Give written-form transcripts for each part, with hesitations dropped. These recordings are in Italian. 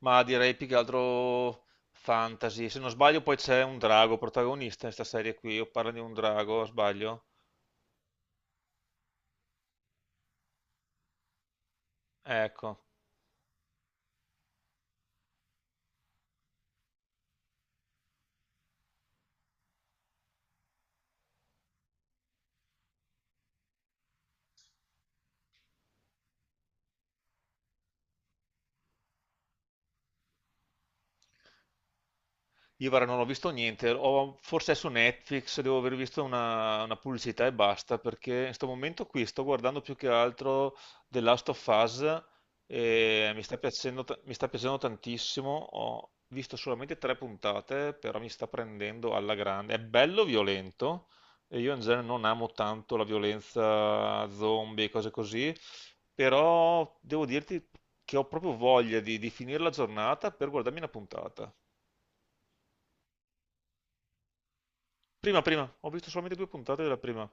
Ma direi più che altro fantasy. Se non sbaglio, poi c'è un drago protagonista in questa serie qui. O parla di un drago, sbaglio? Ecco. Io guarda, non ho visto niente, forse è su Netflix, devo aver visto una pubblicità e basta, perché in questo momento qui sto guardando più che altro The Last of Us e mi sta piacendo tantissimo, ho visto solamente tre puntate, però mi sta prendendo alla grande. È bello violento e io in genere non amo tanto la violenza zombie e cose così, però devo dirti che ho proprio voglia di finire la giornata per guardarmi una puntata. Prima, prima, ho visto solamente due puntate della prima.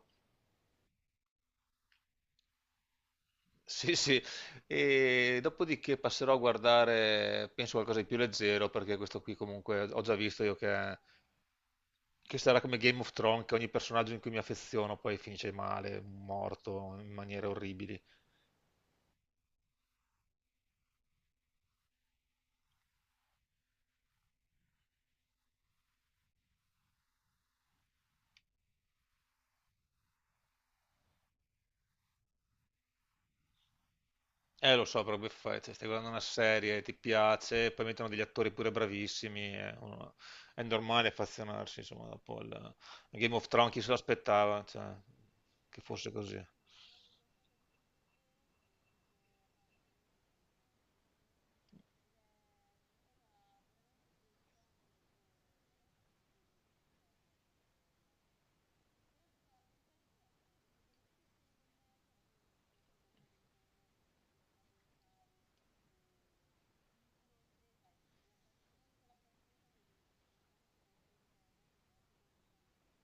Sì, sì, e dopodiché passerò a guardare, penso qualcosa di più leggero, perché questo qui comunque ho già visto io che sarà come Game of Thrones, che ogni personaggio in cui mi affeziono poi finisce male, morto in maniere orribili. Lo so, però che fai? Cioè, stai guardando una serie, ti piace, poi mettono degli attori pure bravissimi, è normale affezionarsi, insomma, dopo il Game of Thrones chi se l'aspettava, cioè, che fosse così.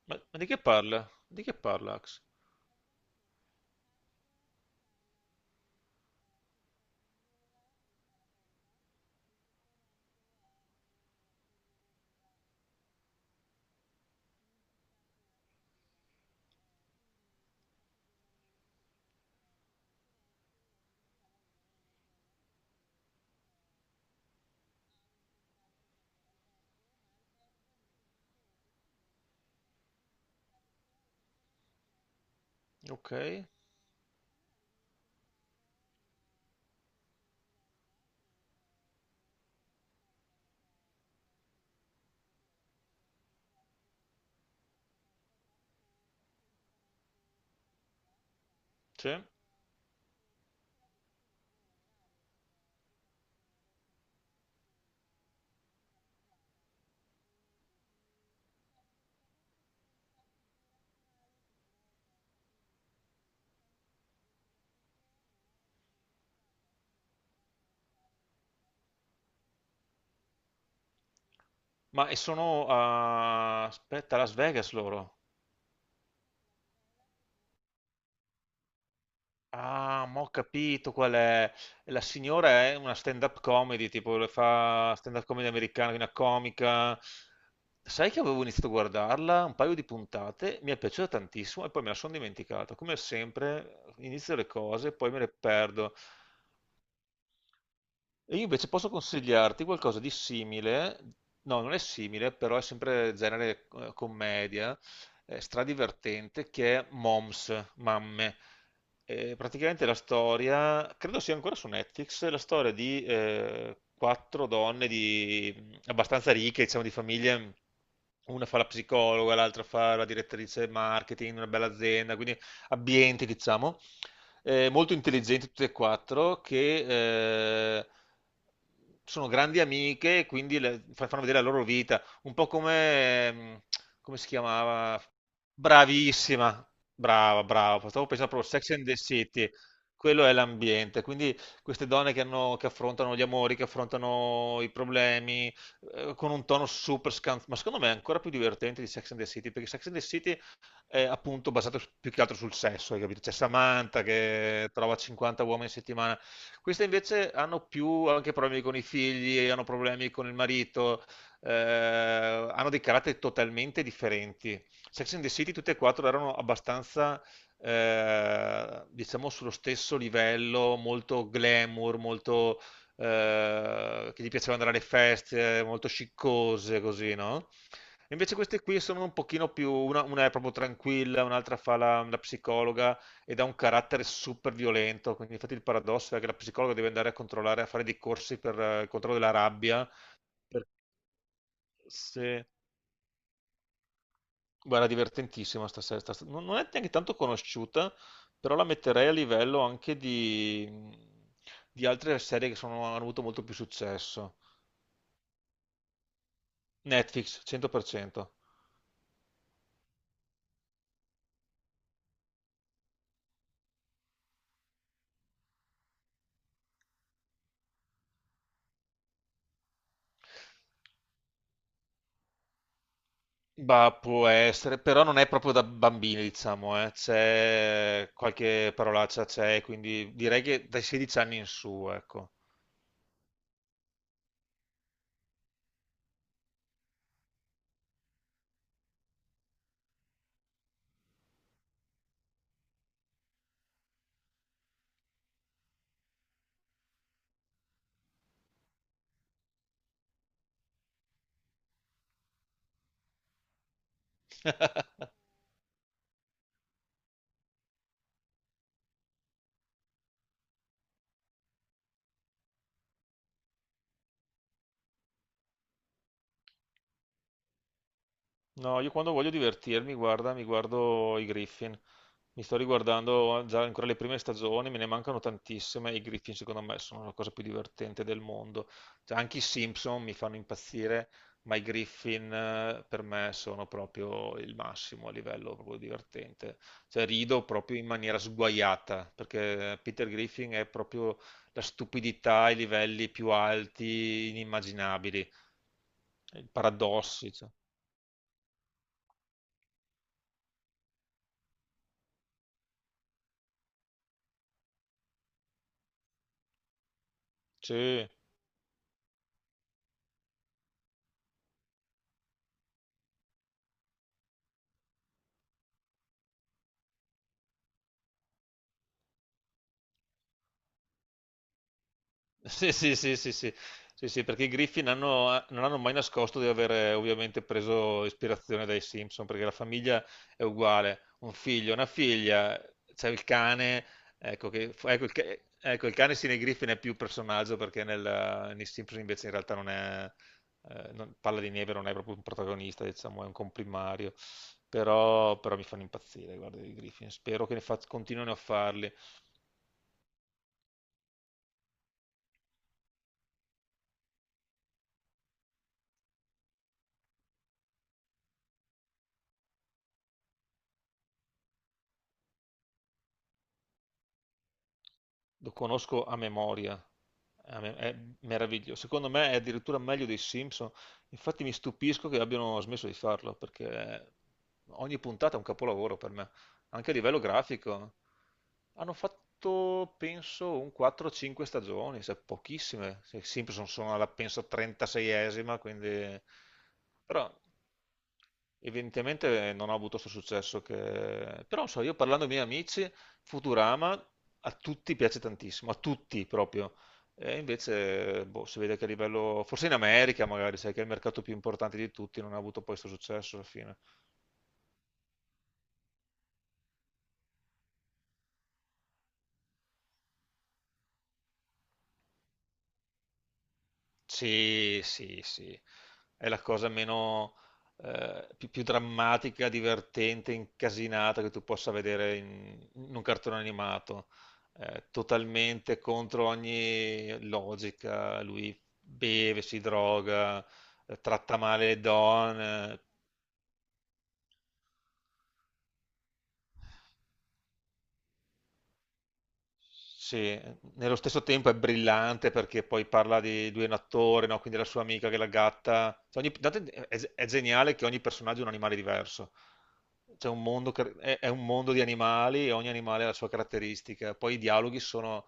Ma di che parla? Di che parla Axe? Ok, sì. Ma e sono aspetta, a Las Vegas loro. Ah, ma ho capito qual è. La signora è una stand-up comedy, tipo le fa stand-up comedy americana, è una comica. Sai che avevo iniziato a guardarla un paio di puntate, mi è piaciuta tantissimo e poi me la sono dimenticata. Come sempre, inizio le cose e poi me le perdo. E io invece posso consigliarti qualcosa di simile, no, non è simile, però è sempre genere commedia, stradivertente, che è Moms, Mamme. Praticamente la storia, credo sia ancora su Netflix, la storia di quattro donne di, abbastanza ricche, diciamo di famiglie, una fa la psicologa, l'altra fa la direttrice marketing, una bella azienda, quindi ambienti, diciamo molto intelligenti tutte e quattro, che sono grandi amiche, e quindi fanno vedere la loro vita, un po' come, come si chiamava? Bravissima, brava, brava, stavo pensando proprio a Sex and the City, quello è l'ambiente, quindi queste donne che affrontano gli amori, che affrontano i problemi, con un tono super scanzonato, ma secondo me è ancora più divertente di Sex and the City, perché Sex and the City è appunto basato più che altro sul sesso, hai capito? C'è Samantha che trova 50 uomini a settimana. Queste invece hanno più anche problemi con i figli, hanno problemi con il marito, hanno dei caratteri totalmente differenti. Sex and the City tutte e quattro erano abbastanza, diciamo, sullo stesso livello, molto glamour, che gli piaceva andare alle feste, molto sciccose, così, no? Invece queste qui sono un pochino più, una è proprio tranquilla, un'altra fa la psicologa ed ha un carattere super violento, quindi infatti il paradosso è che la psicologa deve andare a controllare, a fare dei corsi per il controllo della rabbia. Perché se... Guarda, divertentissima sta serie, non è neanche tanto conosciuta, però la metterei a livello anche di altre serie che hanno avuto molto più successo. Netflix, 100%. Bah, può essere, però non è proprio da bambini, diciamo, eh. C'è qualche parolaccia, c'è, quindi direi che dai 16 anni in su, ecco. No, io quando voglio divertirmi, guarda, mi guardo i Griffin. Mi sto riguardando già ancora le prime stagioni, me ne mancano tantissime. I Griffin, secondo me, sono la cosa più divertente del mondo. Cioè, anche i Simpson mi fanno impazzire, ma i Griffin per me sono proprio il massimo a livello proprio divertente. Cioè, rido proprio in maniera sguaiata, perché Peter Griffin è proprio la stupidità ai livelli più alti, inimmaginabili. I paradossi, cioè. Sì. Sì, sì, sì, sì, sì, sì, sì, perché i Griffin non hanno mai nascosto di aver ovviamente preso ispirazione dai Simpson, perché la famiglia è uguale, un figlio, una figlia, c'è il cane, ecco, che, ecco, il, ca- ecco, il cane sì nei Griffin è più personaggio perché nei Simpson invece in realtà non è, Palla di Neve non è proprio un protagonista, diciamo, è un comprimario, però mi fanno impazzire, guarda, i Griffin, spero che ne continuino a farli. Lo conosco a memoria. È meraviglioso. Secondo me è addirittura meglio dei Simpson. Infatti mi stupisco che abbiano smesso di farlo, perché ogni puntata è un capolavoro per me anche a livello grafico. Hanno fatto, penso, un 4-5 stagioni, cioè pochissime. Simpson sono alla, penso, 36esima, quindi... Però evidentemente non ha avuto questo successo che... Però, non so, io parlando ai miei amici, Futurama a tutti piace tantissimo, a tutti proprio. E invece, boh, si vede che a livello... Forse in America magari, sai che è il mercato più importante di tutti, non ha avuto poi questo successo alla fine. Sì, sì, sì. È la cosa più drammatica, divertente, incasinata che tu possa vedere in un cartone animato, totalmente contro ogni logica. Lui beve, si droga, tratta male le donne. Sì, nello stesso tempo è brillante perché poi parla di lui è un attore, no? Quindi la sua amica che è la gatta. Cioè, tanto è geniale che ogni personaggio è un animale diverso. C'è un mondo, è un mondo di animali e ogni animale ha la sua caratteristica. Poi i dialoghi sono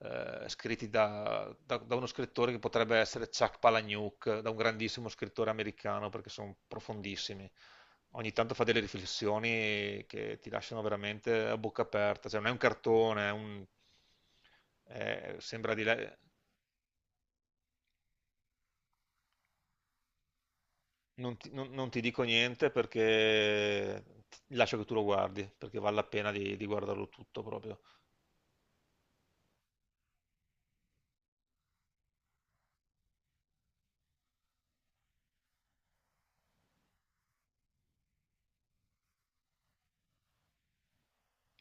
scritti da uno scrittore che potrebbe essere Chuck Palahniuk, da un grandissimo scrittore americano, perché sono profondissimi. Ogni tanto fa delle riflessioni che ti lasciano veramente a bocca aperta, cioè non è un cartone. Eh, sembra di... le- non ti dico niente perché lascio che tu lo guardi, perché vale la pena di guardarlo tutto proprio.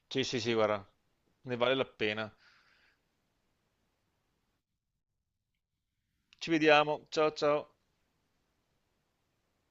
Sì, sì, sì, guarda, ne vale la pena. Ci vediamo, ciao ciao.